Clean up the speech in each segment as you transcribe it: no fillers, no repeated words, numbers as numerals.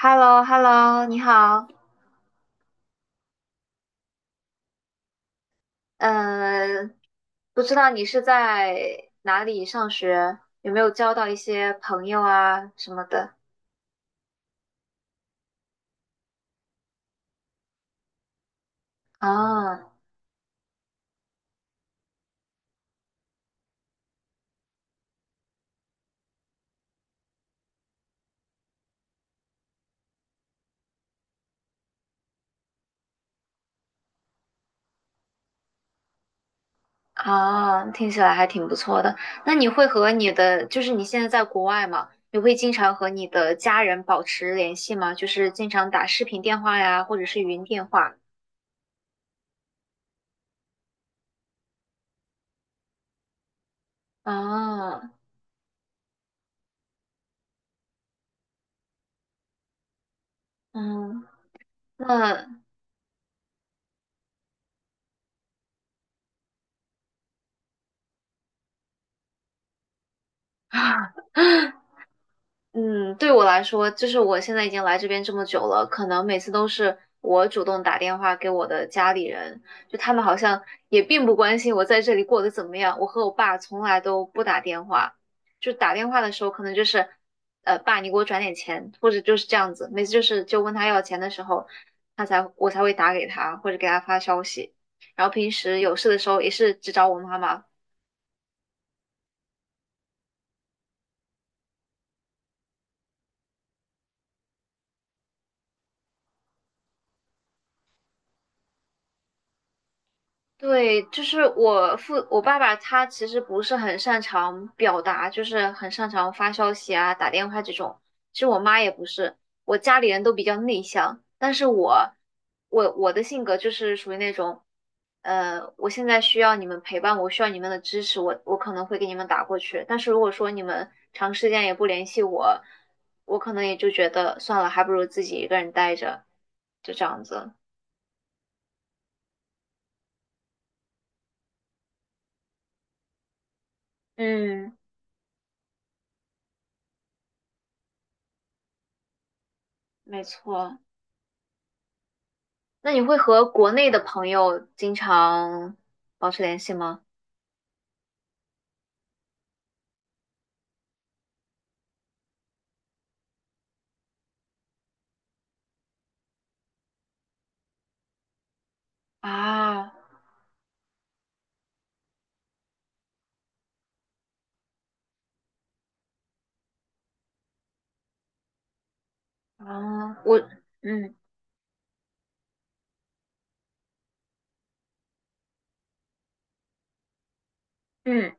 h e l l o h e l l o 你好。嗯，不知道你是在哪里上学，有没有交到一些朋友啊什么的？啊啊，听起来还挺不错的。那你会和你的，就是你现在在国外嘛，你会经常和你的家人保持联系吗？就是经常打视频电话呀，或者是语音电话？啊，嗯，那 啊。嗯，对我来说，就是我现在已经来这边这么久了，可能每次都是我主动打电话给我的家里人，就他们好像也并不关心我在这里过得怎么样。我和我爸从来都不打电话，就打电话的时候可能就是，爸，你给我转点钱，或者就是这样子。每次就是就问他要钱的时候，我才会打给他或者给他发消息。然后平时有事的时候也是只找我妈妈。对，就是我爸爸，他其实不是很擅长表达，就是很擅长发消息啊、打电话这种。其实我妈也不是，我家里人都比较内向，但是我的性格就是属于那种，我现在需要你们陪伴，我需要你们的支持，我可能会给你们打过去。但是如果说你们长时间也不联系我，我可能也就觉得算了，还不如自己一个人待着，就这样子。嗯，没错。那你会和国内的朋友经常保持联系吗？啊。啊我，嗯嗯。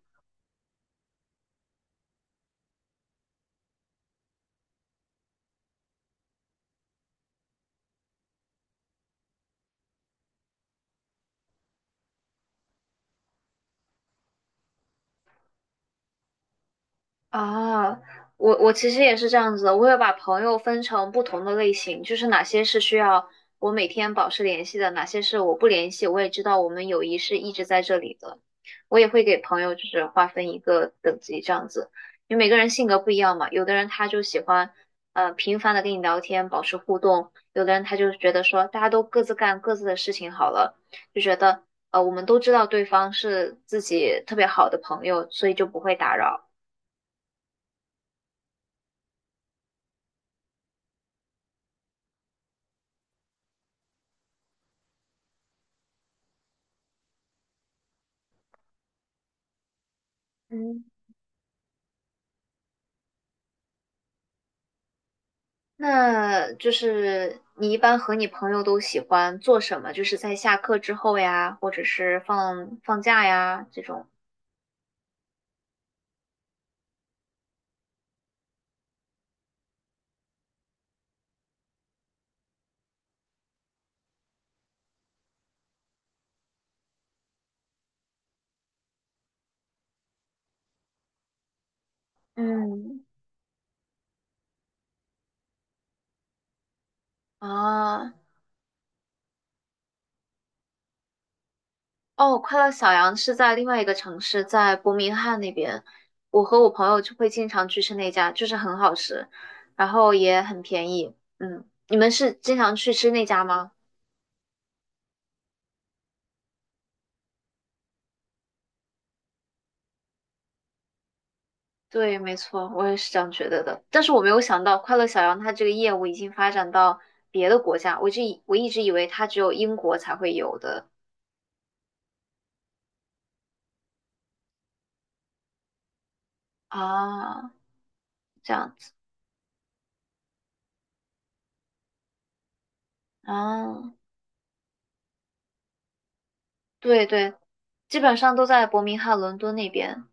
啊，我其实也是这样子的，我会把朋友分成不同的类型，就是哪些是需要我每天保持联系的，哪些是我不联系，我也知道我们友谊是一直在这里的。我也会给朋友就是划分一个等级这样子，因为每个人性格不一样嘛，有的人他就喜欢频繁的跟你聊天，保持互动，有的人他就觉得说大家都各自干各自的事情好了，就觉得我们都知道对方是自己特别好的朋友，所以就不会打扰。嗯，那就是你一般和你朋友都喜欢做什么？就是在下课之后呀，或者是放假呀这种。嗯。啊。哦，快乐小羊是在另外一个城市，在伯明翰那边。我和我朋友就会经常去吃那家，就是很好吃，然后也很便宜。嗯，你们是经常去吃那家吗？对，没错，我也是这样觉得的。但是我没有想到，快乐小羊它这个业务已经发展到别的国家，我就以我一直以为它只有英国才会有的。啊，这样子。啊，对对，基本上都在伯明翰、伦敦那边。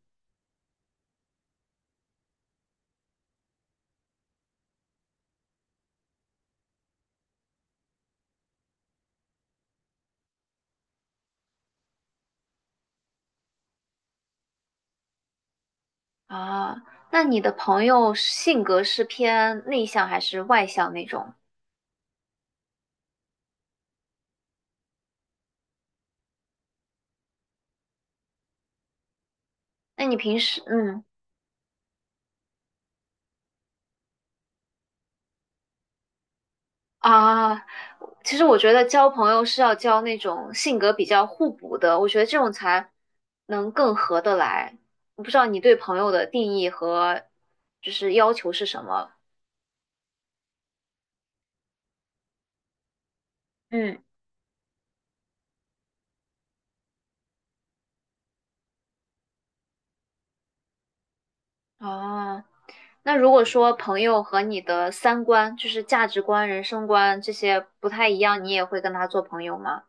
啊，那你的朋友性格是偏内向还是外向那种？那你平时，嗯，啊，其实我觉得交朋友是要交那种性格比较互补的，我觉得这种才能更合得来。我不知道你对朋友的定义和就是要求是什么？嗯。啊，那如果说朋友和你的三观，就是价值观、人生观这些不太一样，你也会跟他做朋友吗？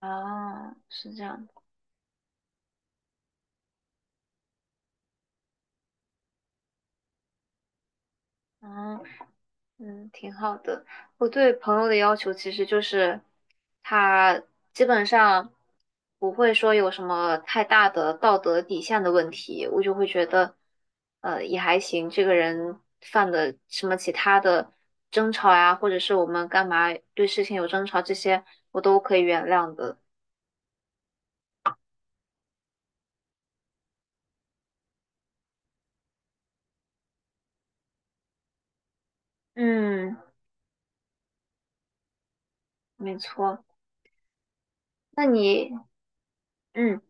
啊，是这样的。啊。嗯，挺好的。我对朋友的要求其实就是，他基本上不会说有什么太大的道德底线的问题，我就会觉得，也还行。这个人犯的什么其他的争吵呀，或者是我们干嘛对事情有争吵，这些我都可以原谅的。嗯，没错。那你，嗯。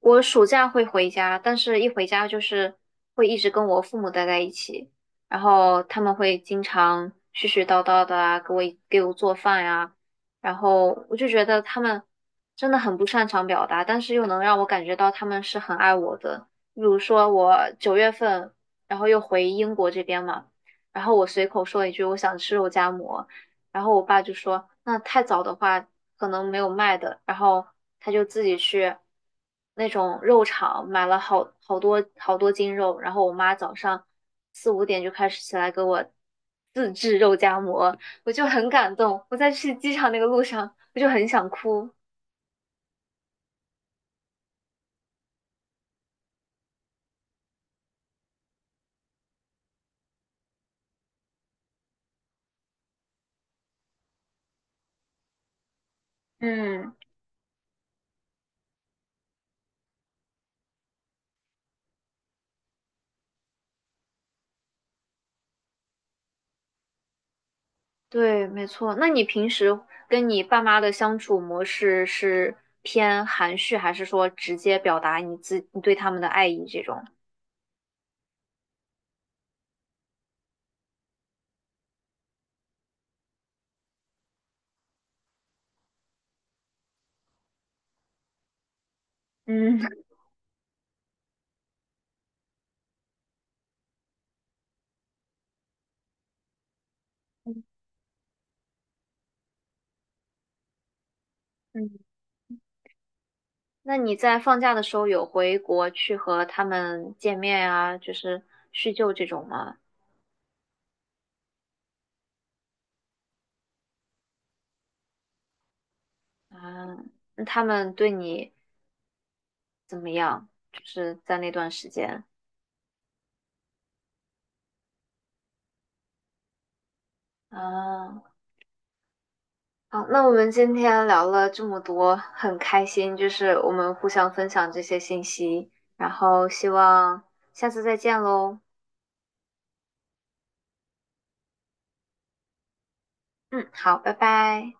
我暑假会回家，但是一回家就是会一直跟我父母待在一起，然后他们会经常絮絮叨叨的啊，给我做饭呀、然后我就觉得他们真的很不擅长表达，但是又能让我感觉到他们是很爱我的。比如说我9月份，然后又回英国这边嘛，然后我随口说一句我想吃肉夹馍，然后我爸就说，那太早的话可能没有卖的，然后他就自己去那种肉场买了好多好多斤肉，然后我妈早上4、5点就开始起来给我自制肉夹馍，我就很感动。我在去机场那个路上，我就很想哭。嗯，对，没错。那你平时跟你爸妈的相处模式是偏含蓄，还是说直接表达你对他们的爱意这种？嗯 嗯，那你在放假的时候有回国去和他们见面啊，就是叙旧这种吗？啊，那他们对你怎么样？就是在那段时间。啊，好，那我们今天聊了这么多，很开心，就是我们互相分享这些信息，然后希望下次再见喽。嗯，好，拜拜。